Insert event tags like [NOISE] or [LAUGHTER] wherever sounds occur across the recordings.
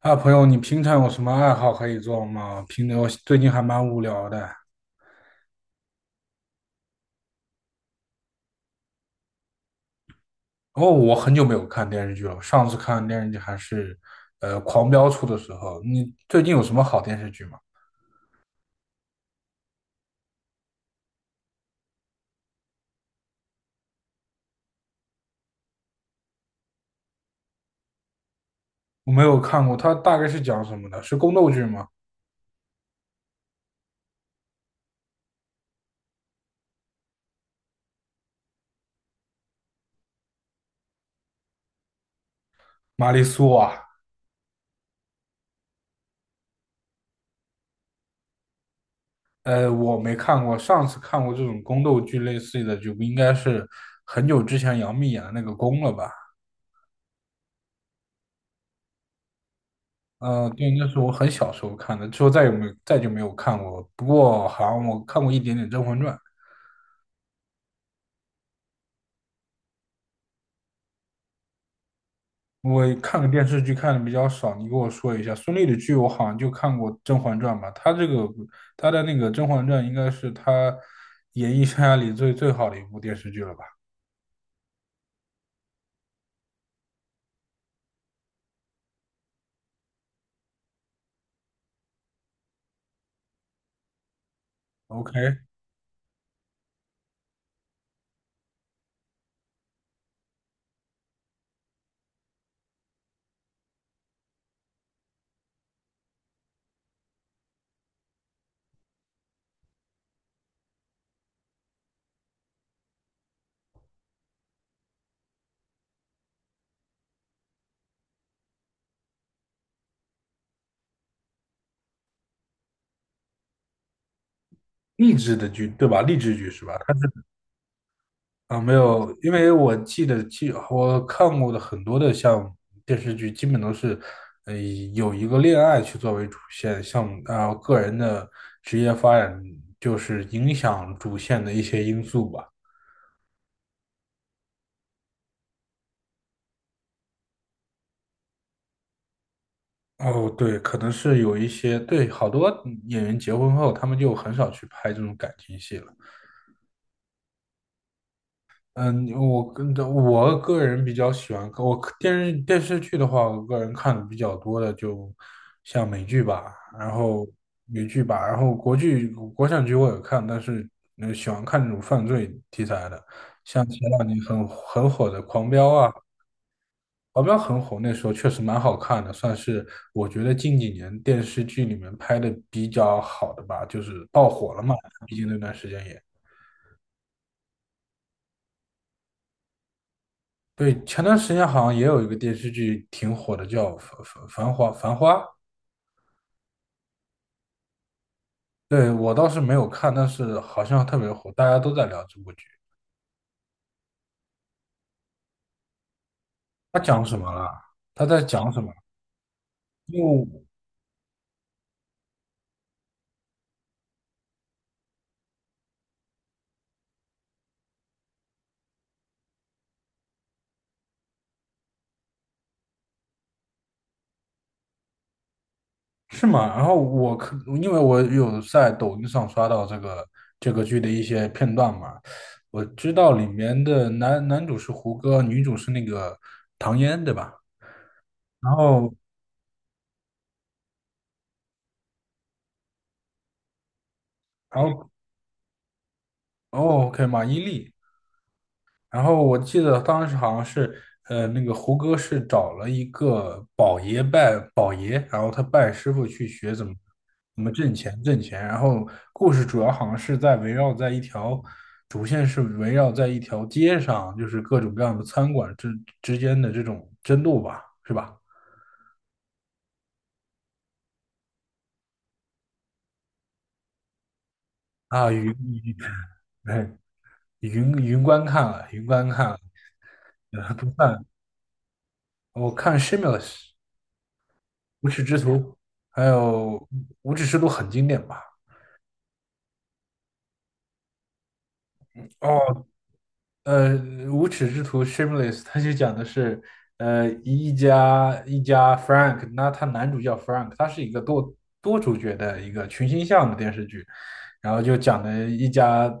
啊，朋友，你平常有什么爱好可以做吗？平我最近还蛮无聊的。哦，我很久没有看电视剧了，上次看电视剧还是，《狂飙》出的时候。你最近有什么好电视剧吗？我没有看过，它大概是讲什么的？是宫斗剧吗？玛丽苏啊，我没看过，上次看过这种宫斗剧类似的就不应该是很久之前杨幂演的那个《宫》了吧？嗯，对，那是我很小时候看的，之后再也没再就没有看过。不过好像我看过一点点《甄嬛传》。我看个电视剧看的比较少，你给我说一下。孙俪的剧我好像就看过《甄嬛传》吧，她的那个《甄嬛传》应该是她演艺生涯里最最好的一部电视剧了吧？OK，励志的剧对吧？励志剧是吧？她是啊，没有，因为我记得记我看过的很多的像电视剧，基本都是呃有一个恋爱去作为主线，像啊、个人的职业发展就是影响主线的一些因素吧。哦，对，可能是有一些，对，好多演员结婚后，他们就很少去拍这种感情戏了。嗯，我跟着我个人比较喜欢，我电视剧的话，我个人看的比较多的，就像美剧吧，然后美剧吧，然后国剧、国产剧我也看，但是喜欢看这种犯罪题材的，像前两年很火的《狂飙》啊，保镖很火，那时候确实蛮好看的，算是我觉得近几年电视剧里面拍的比较好的吧，就是爆火了嘛。毕竟那段时间也，对，前段时间好像也有一个电视剧挺火的，叫繁花》。繁花，对，我倒是没有看，但是好像特别火，大家都在聊这部剧。它讲什么了？它在讲什么？因为是吗？然后我可因为我有在抖音上刷到这个剧的一些片段嘛，我知道里面的男主是胡歌，女主是那个唐嫣，对吧？然后然后哦，OK，马伊琍，然后我记得当时好像是，那个胡歌是找了一个拜宝爷，然后他拜师傅去学怎么挣钱。然后故事主要好像是在围绕在一条主线是围绕在一条街上，就是各种各样的餐馆之之间的这种争斗吧，是吧？啊，云 [LAUGHS] 云观看了，不算，我看《Shameless》无耻之徒，还有《无耻之徒》很经典吧。哦，呃，无耻之徒 Shameless，他就讲的是，一家 Frank，那他男主叫 Frank，他是一个多主角的一个群星像的电视剧，然后就讲的一家，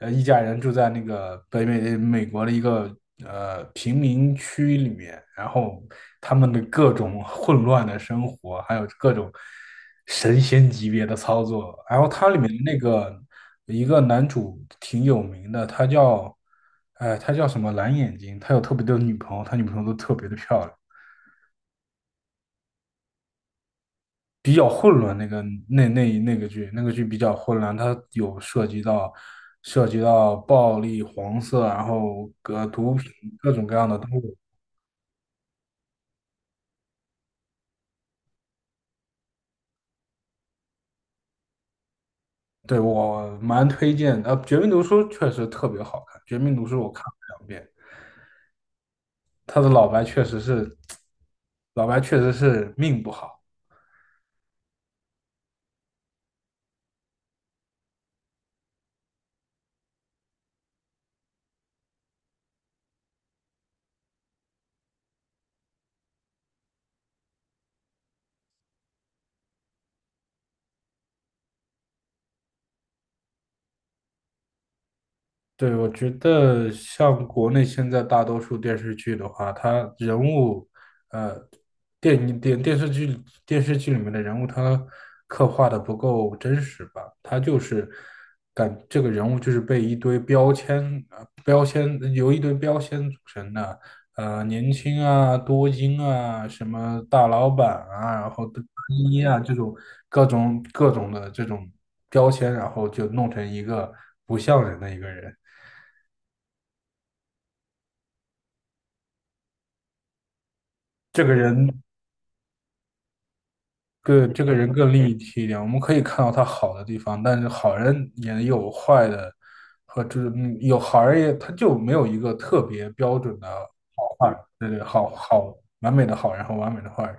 一家人住在那个美国的一个贫民区里面，然后他们的各种混乱的生活，还有各种神仙级别的操作。然后它里面的那个一个男主挺有名的，他叫，哎，他叫什么蓝眼睛，他有特别多的女朋友，他女朋友都特别的漂亮。比较混乱，那个剧，那个剧比较混乱，它有涉及到涉及到暴力、黄色，然后毒品各种各样的都有。对，我蛮推荐的，《绝命毒书》确实特别好看，《绝命毒书》我看了两遍，他的老白确实是 [TSK] 老白确实是命不好。对，我觉得像国内现在大多数电视剧的话，它人物，呃，电视剧电视剧里面的人物，他刻画的不够真实吧？他就是这个人物就是被一堆标签，由一堆标签组成的，年轻啊，多金啊，什么大老板啊，然后大一啊这种各种的这种标签，然后就弄成一个不像人的一个人。这个人更这个人更立体一点，我们可以看到他好的地方，但是好人也有坏的，和就是嗯有好人也他就没有一个特别标准的坏人，对对，完美的好人和完美的坏人。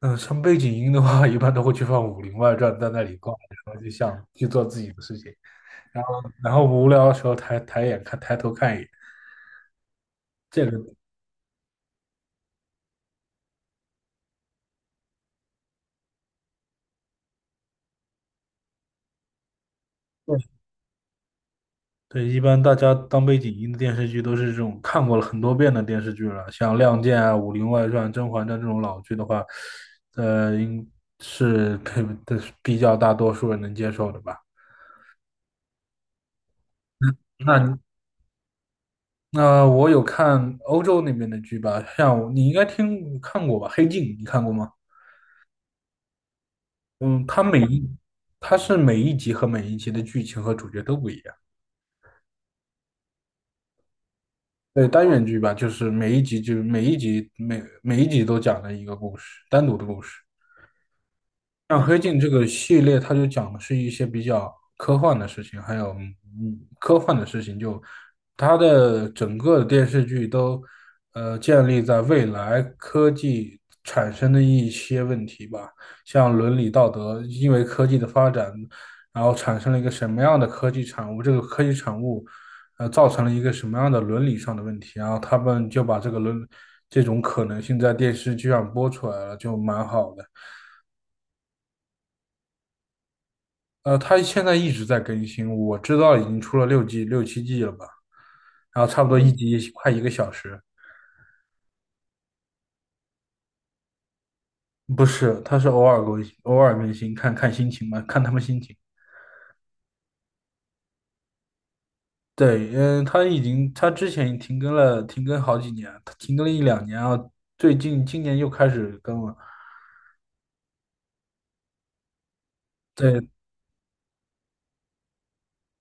嗯，像背景音的话，一般都会去放《武林外传》，在那里挂着然后就想去做自己的事情，然后然后无聊的时候抬头看一眼，这个。对，一般大家当背景音的电视剧都是这种看过了很多遍的电视剧了，像《亮剑》啊、《武林外传》《甄嬛传》这种老剧的话，呃，应是可以的比较大多数人能接受的吧。那你那我有看欧洲那边的剧吧，你应该听看过吧，《黑镜》你看过吗？嗯，它每一它是每一集和每一集的剧情和主角都不一样。对，单元剧吧，就是每一集都讲了一个故事，单独的故事。像《黑镜》这个系列，它就讲的是一些比较科幻的事情，还有嗯科幻的事情就，它的整个电视剧都建立在未来科技产生的一些问题吧，像伦理道德，因为科技的发展，然后产生了一个什么样的科技产物，这个科技产物造成了一个什么样的伦理上的问题，然后他们就把这个伦这种可能性在电视剧上播出来了，就蛮好的。它现在一直在更新，我知道已经出了六七季了吧，然后差不多集快一个小时，不是，它是偶尔更新，偶尔更新，看看心情吧，看他们心情。对，嗯，它已经，它之前停更了，停更好几年，它停更了一两年啊，最近今年又开始更了。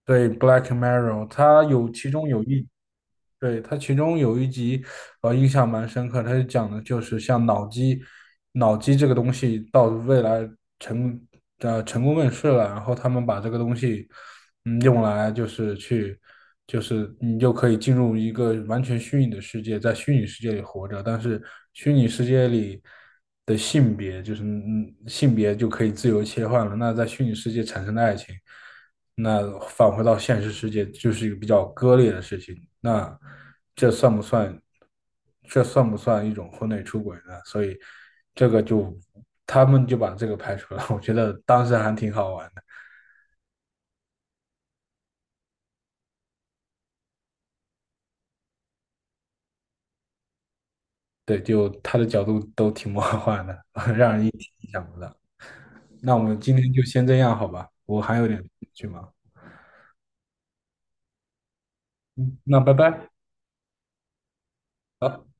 对《Black Mirror》，它有其中有一对，它其中有一集，印象蛮深刻。它是讲的就是像脑机，这个东西到未来成成功问世了，然后他们把这个东西，嗯，用来就是去，就是你就可以进入一个完全虚拟的世界，在虚拟世界里活着，但是虚拟世界里的性别就可以自由切换了。那在虚拟世界产生的爱情。那返回到现实世界就是一个比较割裂的事情。那这算不算？这算不算一种婚内出轨呢？所以这个就他们就把这个排除了。[LAUGHS] 我觉得当时还挺好玩的，对，就他的角度都挺魔幻的，[LAUGHS] 让人意想不到。那我们今天就先这样好吧？我还有点事去忙，那拜拜。好。